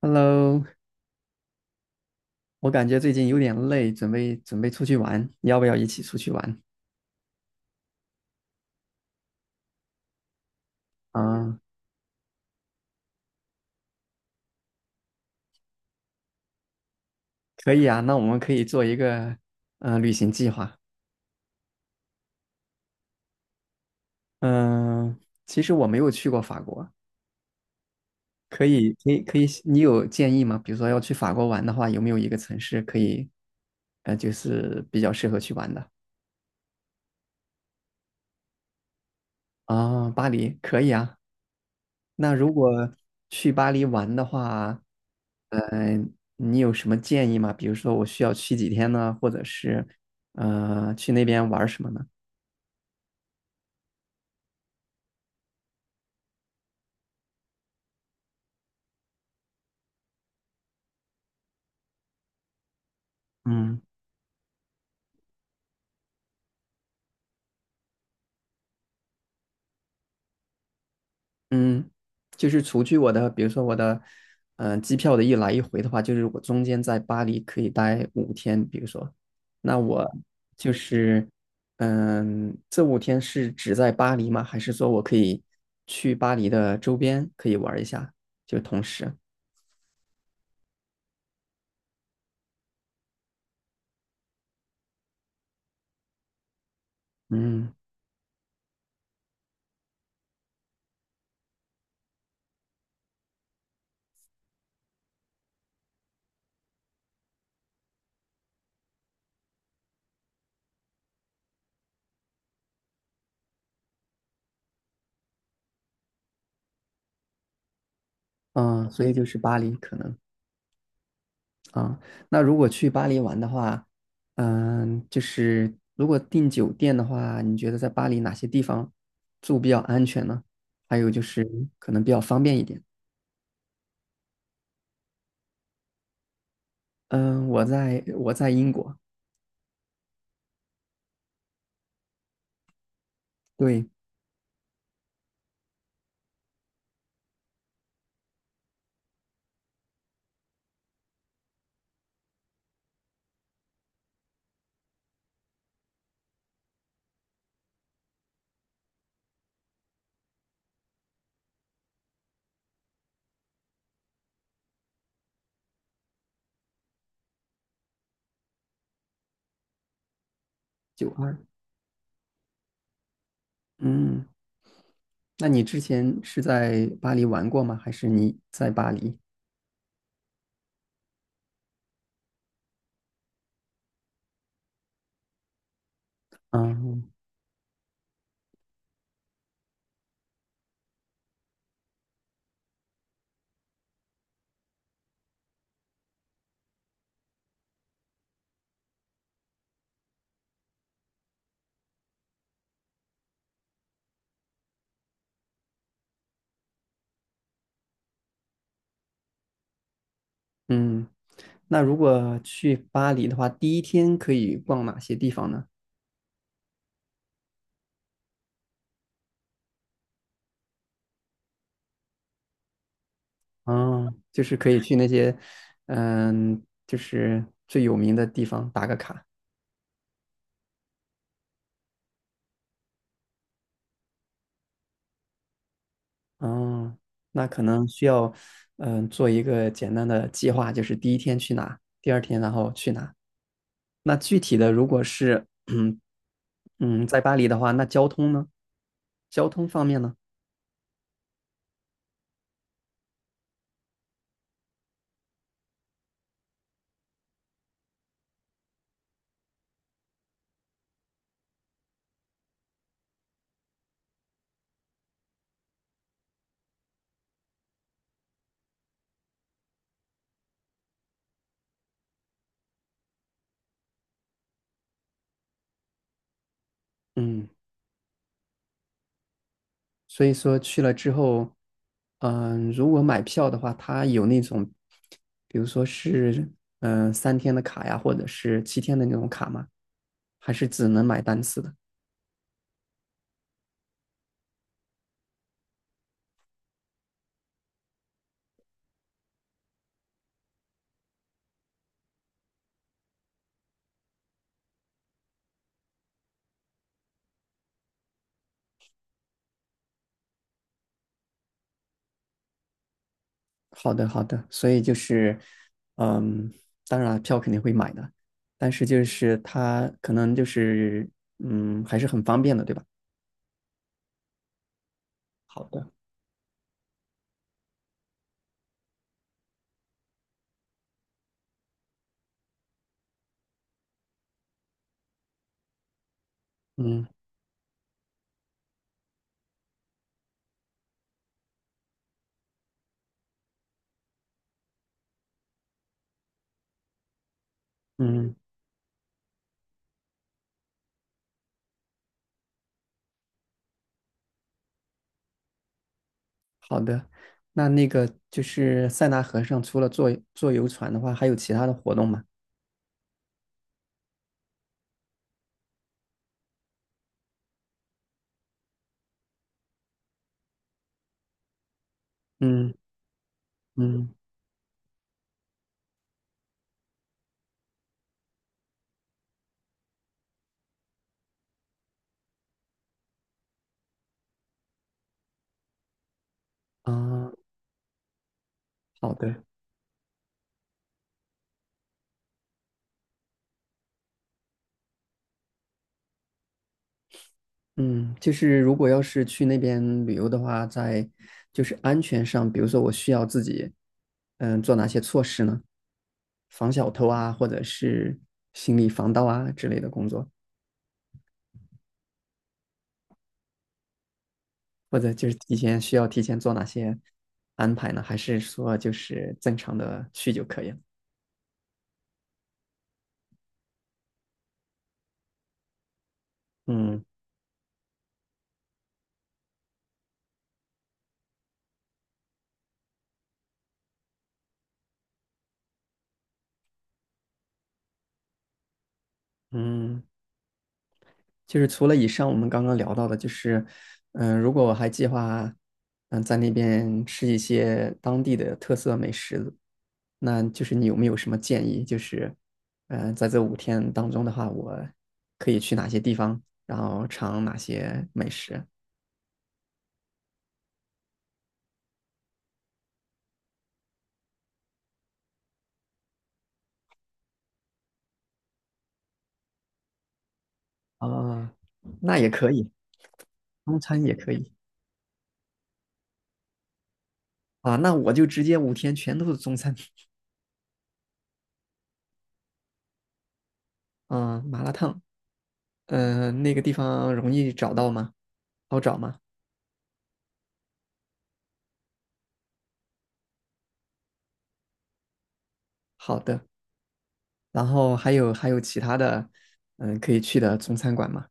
Hello，我感觉最近有点累，准备出去玩，要不要一起出去玩？啊，可以啊，那我们可以做一个旅行计划。嗯，其实我没有去过法国，可以，你有建议吗？比如说要去法国玩的话，有没有一个城市可以就是比较适合去玩的？啊，巴黎可以啊，那如果去巴黎玩的话，呃，你有什么建议吗？比如说我需要去几天呢，或者是去那边玩什么呢？嗯嗯，就是除去我的，比如说我的，机票的一来一回的话，就是我中间在巴黎可以待五天，比如说，那我就是，嗯，这五天是只在巴黎吗？还是说我可以去巴黎的周边可以玩一下，就同时，嗯。嗯，所以就是巴黎可能啊。那如果去巴黎玩的话，嗯，就是如果订酒店的话，你觉得在巴黎哪些地方住比较安全呢？还有就是可能比较方便一点。嗯，我在英国，对，92。嗯，那你之前是在巴黎玩过吗？还是你在巴黎？嗯嗯，那如果去巴黎的话，第一天可以逛哪些地方呢？哦，就是可以去那些，嗯，就是最有名的地方打个卡。哦，那可能需要，嗯，做一个简单的计划，就是第一天去哪，第2天然后去哪。那具体的，如果是，嗯嗯，在巴黎的话，那交通呢？交通方面呢？嗯。所以说去了之后，嗯、如果买票的话，它有那种，比如说是嗯、3天的卡呀，或者是7天的那种卡吗？还是只能买单次的？好的，好的。所以就是，嗯，当然票肯定会买的，但是就是它可能就是，嗯，还是很方便的，对吧？好的，嗯嗯，好的。那那个就是塞纳河上，除了坐游船的话，还有其他的活动吗？嗯。嗯啊，好的，嗯，就是如果要是去那边旅游的话，在就是安全上，比如说我需要自己，嗯，做哪些措施呢？防小偷啊，或者是行李防盗啊之类的工作，或者就是提前做哪些安排呢？还是说就是正常的去就可以了？嗯嗯，就是除了以上我们刚刚聊到的，就是，嗯，如果我还计划，嗯，在那边吃一些当地的特色美食，那就是你有没有什么建议？就是，嗯、在这五天当中的话，我可以去哪些地方，然后尝哪些美食？啊，那也可以，中餐也可以啊。那我就直接五天全都是中餐啊，麻辣烫。嗯、那个地方容易找到吗？好找吗？好的。然后还有其他的，嗯，可以去的中餐馆嘛，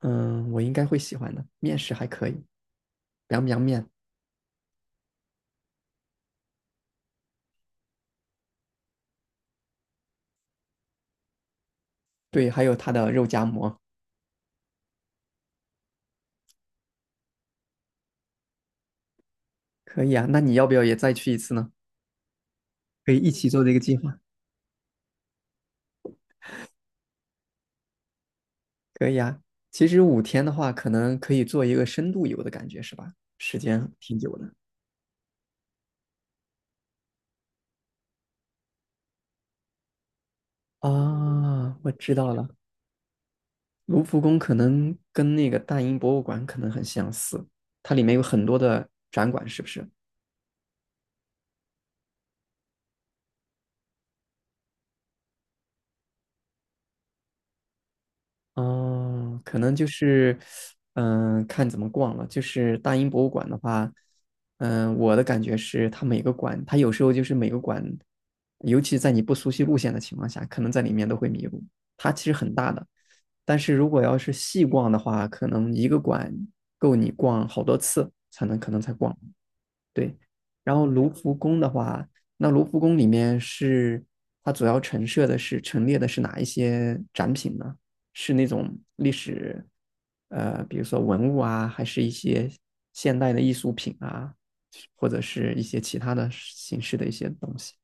嗯，我应该会喜欢的。面食还可以，凉凉面？对，还有它的肉夹馍，可以啊。那你要不要也再去一次呢？可以一起做这个计划。可以啊。其实五天的话，可能可以做一个深度游的感觉，是吧？时间挺久的。啊，我知道了。卢浮宫可能跟那个大英博物馆可能很相似，它里面有很多的展馆，是不是？哦，可能就是，嗯，看怎么逛了。就是大英博物馆的话，嗯，我的感觉是，它每个馆，它有时候就是每个馆，尤其在你不熟悉路线的情况下，可能在里面都会迷路。它其实很大的，但是如果要是细逛的话，可能一个馆够你逛好多次才能可能才逛。对，然后卢浮宫的话，那卢浮宫里面是它主要陈设的是陈列的是哪一些展品呢？是那种历史，比如说文物啊，还是一些现代的艺术品啊，或者是一些其他的形式的一些东西？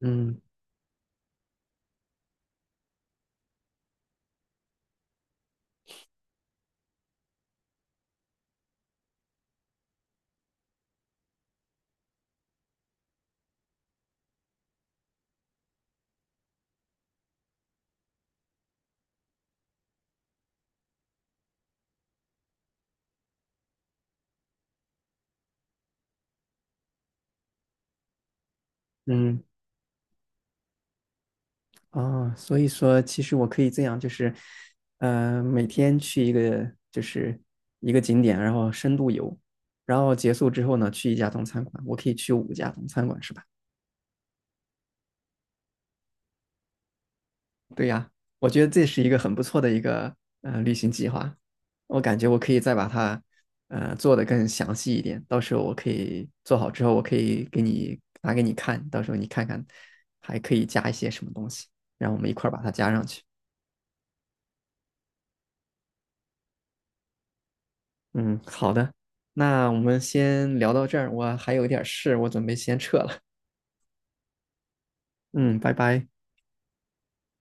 嗯嗯。哦，所以说其实我可以这样，就是，每天去一个就是一个景点，然后深度游，然后结束之后呢，去一家中餐馆，我可以去5家中餐馆，是吧？对呀，我觉得这是一个很不错的一个旅行计划，我感觉我可以再把它做得更详细一点，到时候我可以做好之后，我可以给你拿给你看，到时候你看看还可以加一些什么东西，然后我们一块儿把它加上去。嗯，好的，那我们先聊到这儿，我还有一点事，我准备先撤了。嗯，拜拜。